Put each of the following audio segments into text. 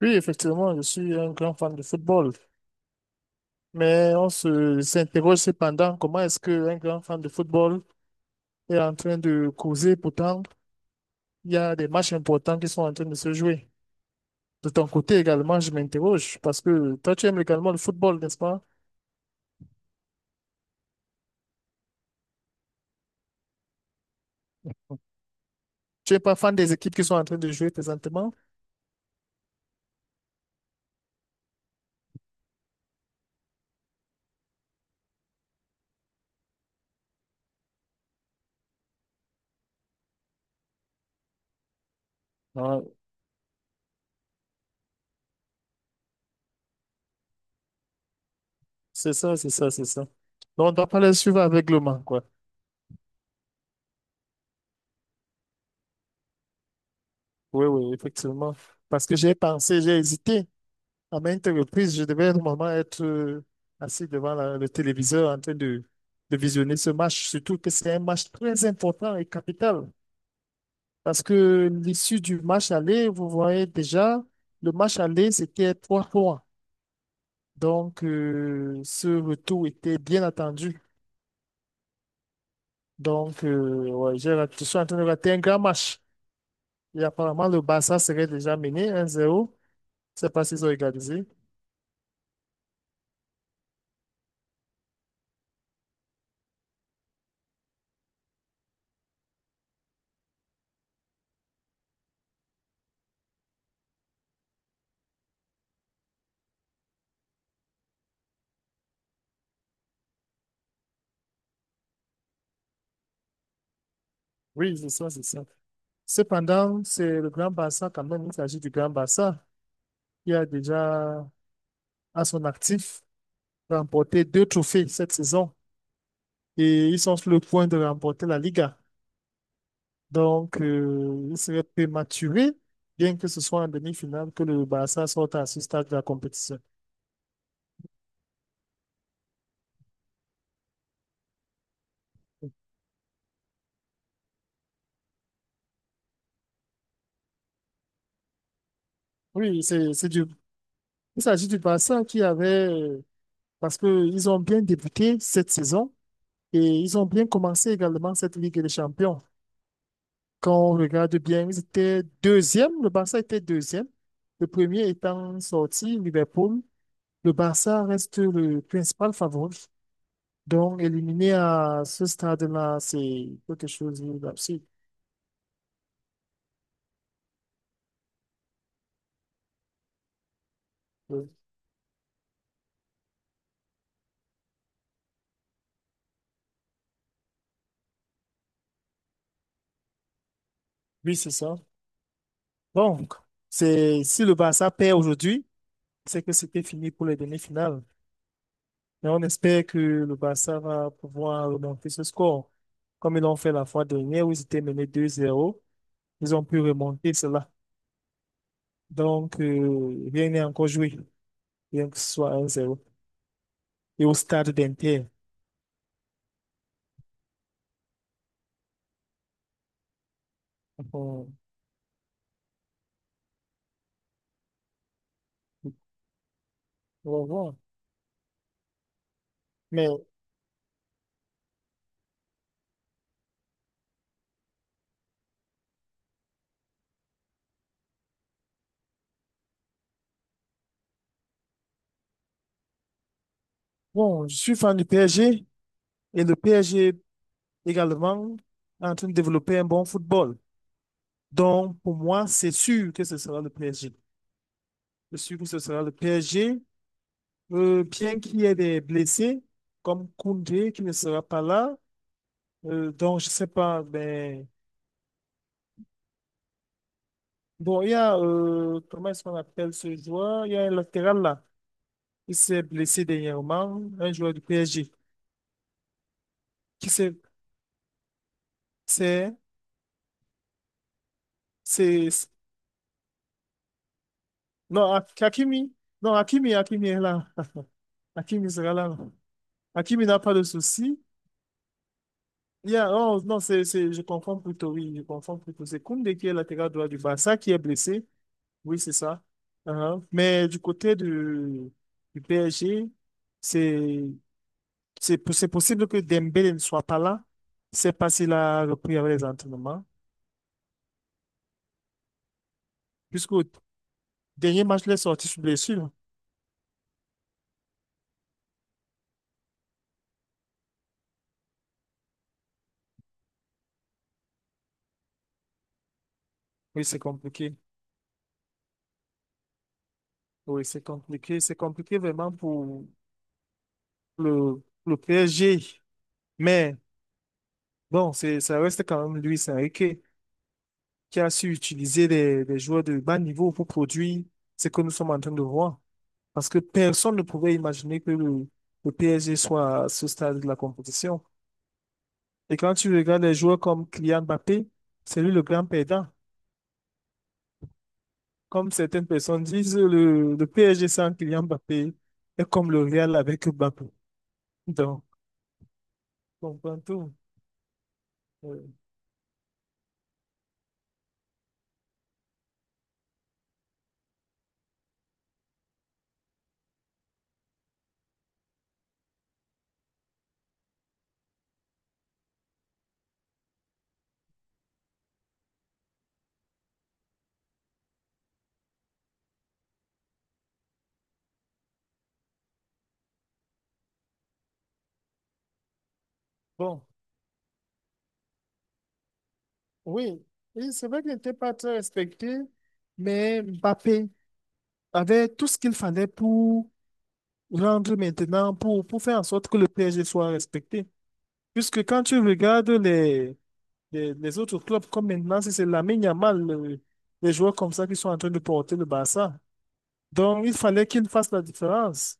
Oui, effectivement, je suis un grand fan de football, mais on se s'interroge cependant comment est-ce qu'un grand fan de football est en train de causer, pourtant il y a des matchs importants qui sont en train de se jouer. De ton côté également, je m'interroge parce que toi, tu aimes également le football, n'est-ce pas? Tu n'es pas fan des équipes qui sont en train de jouer présentement? Ah, c'est ça, c'est ça, c'est ça. Non, on ne doit pas les suivre aveuglement, quoi. Oui, oui, effectivement. Parce que j'ai pensé, j'ai hésité. À maintes reprises, je devais normalement être assis devant le téléviseur en train de visionner ce match, surtout que c'est un match très important et capital. Parce que l'issue du match aller, vous voyez déjà, le match aller, c'était trois points. Donc, ce retour était bien attendu. Donc, ouais, je suis en train de rater un grand match. Et apparemment, le Barça serait déjà mené 1-0. Je ne sais pas s'ils ont égalisé. Oui, c'est ça, c'est ça. Cependant, c'est le Grand Barça quand même. Il s'agit du Grand Barça qui a déjà à son actif remporté deux trophées cette saison et ils sont sur le point de remporter la Liga. Donc, il serait prématuré, bien que ce soit en demi-finale, que le Barça sorte à ce stade de la compétition. Oui, c'est du il s'agit du Barça qui avait, parce qu'ils ont bien débuté cette saison et ils ont bien commencé également cette Ligue des Champions. Quand on regarde bien, ils étaient deuxième, le Barça était deuxième, le premier étant sorti, Liverpool. Le Barça reste le principal favori. Donc, éliminé à ce stade-là, c'est quelque chose d'absurde. Oui, c'est ça. Donc, si le Barça perd aujourd'hui, c'est que c'était fini pour les demi-finales. Mais on espère que le Barça va pouvoir remonter ce score. Comme ils l'ont fait la fois dernière où ils étaient menés 2-0, ils ont pu remonter cela. Donc, rien n'est encore joué, bien que ce soit 1-0. Et au stade d'Inter, on on va voir. Mais bon, je suis fan du PSG et le PSG également est en train de développer un bon football. Donc, pour moi, c'est sûr que ce sera le PSG. Je suis sûr que ce sera le PSG. Bien qu'il y ait des blessés, comme Koundé qui ne sera pas là, donc je sais pas, mais bon, il y a, comment est-ce qu'on appelle ce joueur? Il y a un latéral là, il s'est blessé dernièrement, un joueur du PSG, qui s'est, c'est, c'est- non, Hakimi, non, Hakimi est là, Hakimi sera là, Hakimi n'a pas de souci. Il y a, oh, non, je confonds plutôt, oui, je confonds plutôt, c'est Koundé qui est latéral droit du Barça qui est blessé. Oui, c'est ça. Uhum. Mais du côté du PSG, c'est c'est possible que Dembélé ne soit pas là. C'est parce qu'il a repris avec les entraînements. Puisqu'au dernier match, il est sorti sous blessure. Oui, c'est compliqué. Oui, c'est compliqué. C'est compliqué vraiment pour le PSG. Mais bon, ça reste quand même Luis Enrique qui a su utiliser des joueurs de bas niveau pour produire ce que nous sommes en train de voir. Parce que personne ne pouvait imaginer que le PSG soit à ce stade de la compétition. Et quand tu regardes les joueurs comme Kylian Mbappé, c'est lui le grand perdant. Comme certaines personnes disent, le PSG sans Kylian Mbappé est comme le Real avec Mbappé. Donc, on comprend tout. Euh, Bon, oui, oui, c'est vrai qu'il n'était pas très respecté, mais Mbappé avait tout ce qu'il fallait pour rendre maintenant, pour faire en sorte que le PSG soit respecté. Puisque quand tu regardes les autres clubs, comme maintenant, si c'est Lamine Yamal, les joueurs comme ça qui sont en train de porter le Barça. Donc, il fallait qu'il fasse la différence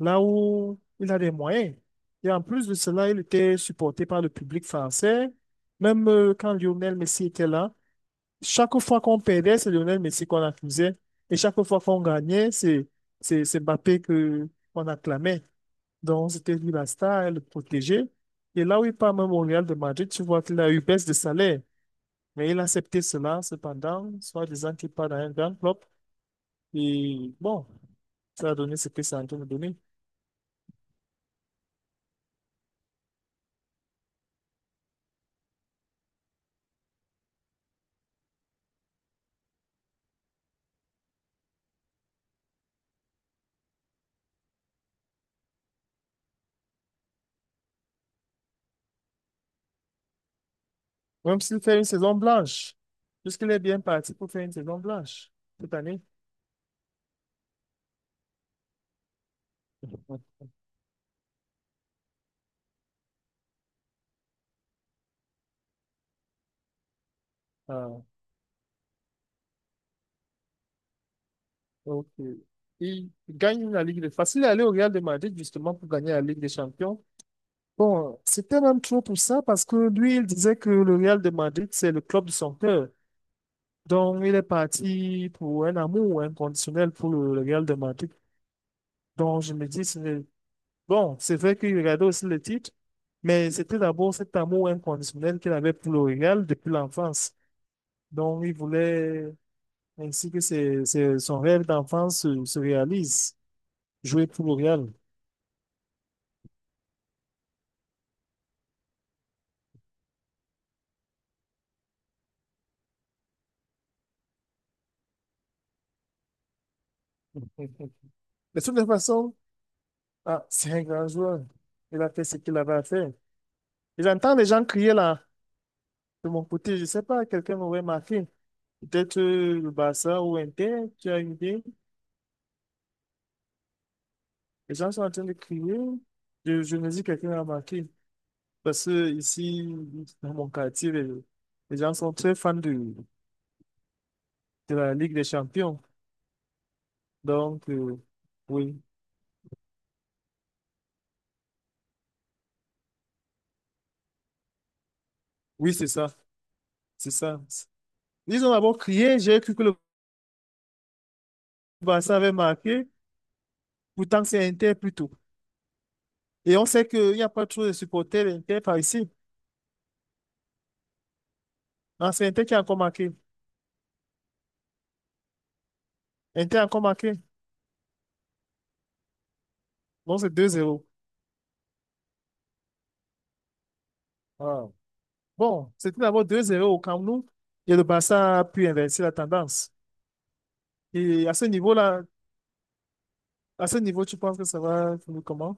là où il a des moyens. Et en plus de cela, il était supporté par le public français. Même quand Lionel Messi était là, chaque fois qu'on perdait, c'est Lionel Messi qu'on accusait. Et chaque fois qu'on gagnait, c'est Mbappé que qu'on acclamait. Donc, c'était lui la star, le protégé. Et là où il part même au Real de Madrid, tu vois qu'il a eu baisse de salaire. Mais il a accepté cela, cependant, soit disant qu'il part dans un grand club. Et bon, ça a donné ce que ça a en train de donner. Même s'il fait une saison blanche, puisqu'il est bien parti pour faire une saison blanche cette année. Ah, ok. Il gagne la Ligue des Facile à aller au Real de Madrid justement pour gagner la Ligue des Champions. Bon, c'était même trop pour ça parce que lui, il disait que le Real de Madrid, c'est le club de son cœur. Donc, il est parti pour un amour inconditionnel pour le Real de Madrid. Donc, je me dis, bon, c'est vrai qu'il regardait aussi le titre, mais c'était d'abord cet amour inconditionnel qu'il avait pour le Real depuis l'enfance. Donc, il voulait ainsi que son rêve d'enfance se réalise. Jouer pour le Real. Mais De toutes les façons, ah, c'est un grand joueur. Il a fait ce qu'il avait à faire. Et j'entends les gens crier là, de mon côté. Je ne sais pas, quelqu'un m'aurait marqué. Peut-être le Barça ou Inter, tu as une idée. Les gens sont en train de crier. Je me dis quelqu'un a marqué. Parce que ici, dans mon quartier, les gens sont très fans de la Ligue des Champions. Donc, oui, oui, c'est ça. C'est ça. Ils ont d'abord crié, j'ai cru que le Barça avait marqué. Pourtant, c'est Inter plutôt. Et on sait qu'il n'y a pas trop de supporters Inter par ici. Non, c'est Inter qui a encore marqué. Inter a encore marqué. Donc, c'est 2-0. Ah. Bon, c'était d'abord 2-0 au Camp Nou. Et le Barça a pu inverser la tendance. Et à ce niveau-là, à ce niveau, tu penses que ça va finir comment?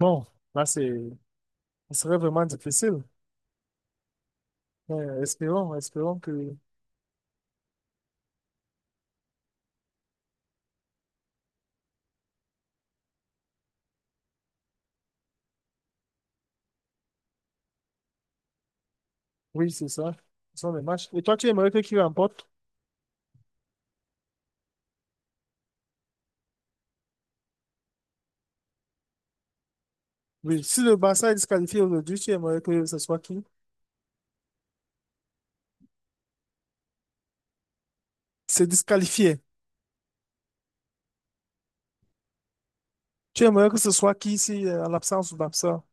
Bon, là, ce serait vraiment difficile. Espérons que, oui, c'est ça. Ce sont les matchs. Et toi, tu aimerais que qui remporte? Oui, si le Barça est disqualifié aujourd'hui, tu aimerais que ce soit qui? C'est disqualifié. Tu aimerais que ce soit qui ici, en l'absence ou l'absent?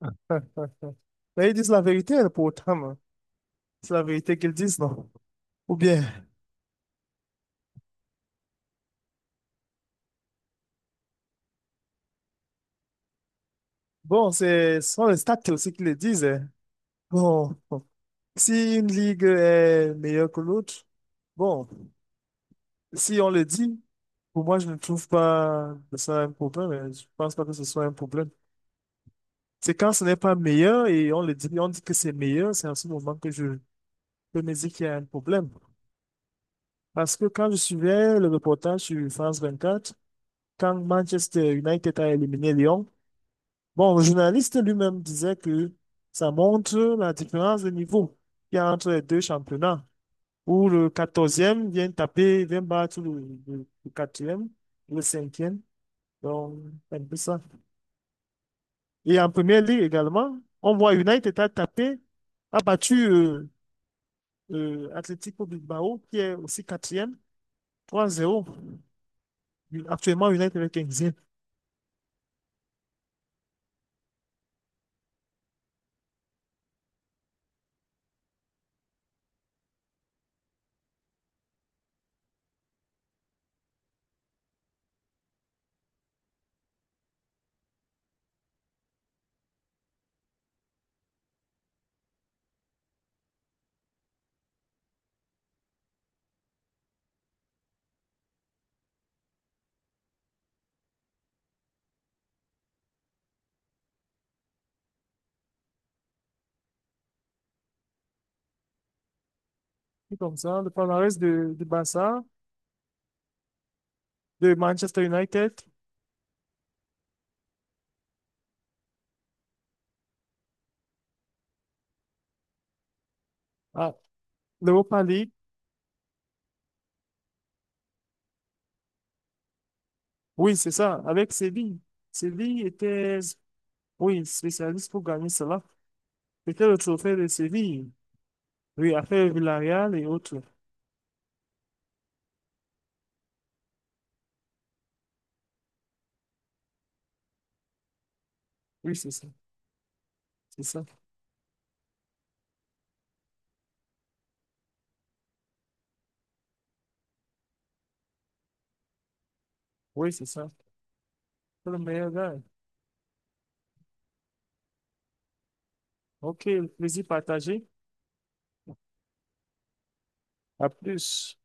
Mais ils disent la vérité, hein, pour hein. C'est la vérité qu'ils disent, non? Ou bien, bon, ce sont les stats aussi qui le disent, hein. Bon, si une ligue est meilleure que l'autre, bon. Si on le dit, pour moi, je ne trouve pas que ça un problème. Je pense pas que ce soit un problème. C'est quand ce n'est pas meilleur et on le dit, on dit que c'est meilleur, c'est en ce moment que je peux me dire qu'il y a un problème. Parce que quand je suivais le reportage sur France 24 quand Manchester United a éliminé Lyon, bon, le journaliste lui-même disait que ça montre la différence de niveau qu'il y a entre les deux championnats, où le 14e vient taper, vient battre le 4, le 5. Donc, c'est un peu ça. Et en première ligue également, on voit United a tapé, a battu Atlético Bilbao, qui est aussi quatrième, 3-0. Actuellement, United est 15e. C'est comme ça, le palmarès de Barça, de Manchester United à l'Europa League. Oui, c'est ça, avec Séville. Séville était, oui, spécialiste pour gagner cela. C'était le trophée de Séville. Oui, après Villarreal et autres. Oui, c'est ça. C'est ça. Oui, c'est ça. C'est le meilleur gars. Ok, plaisir partagé. À plus.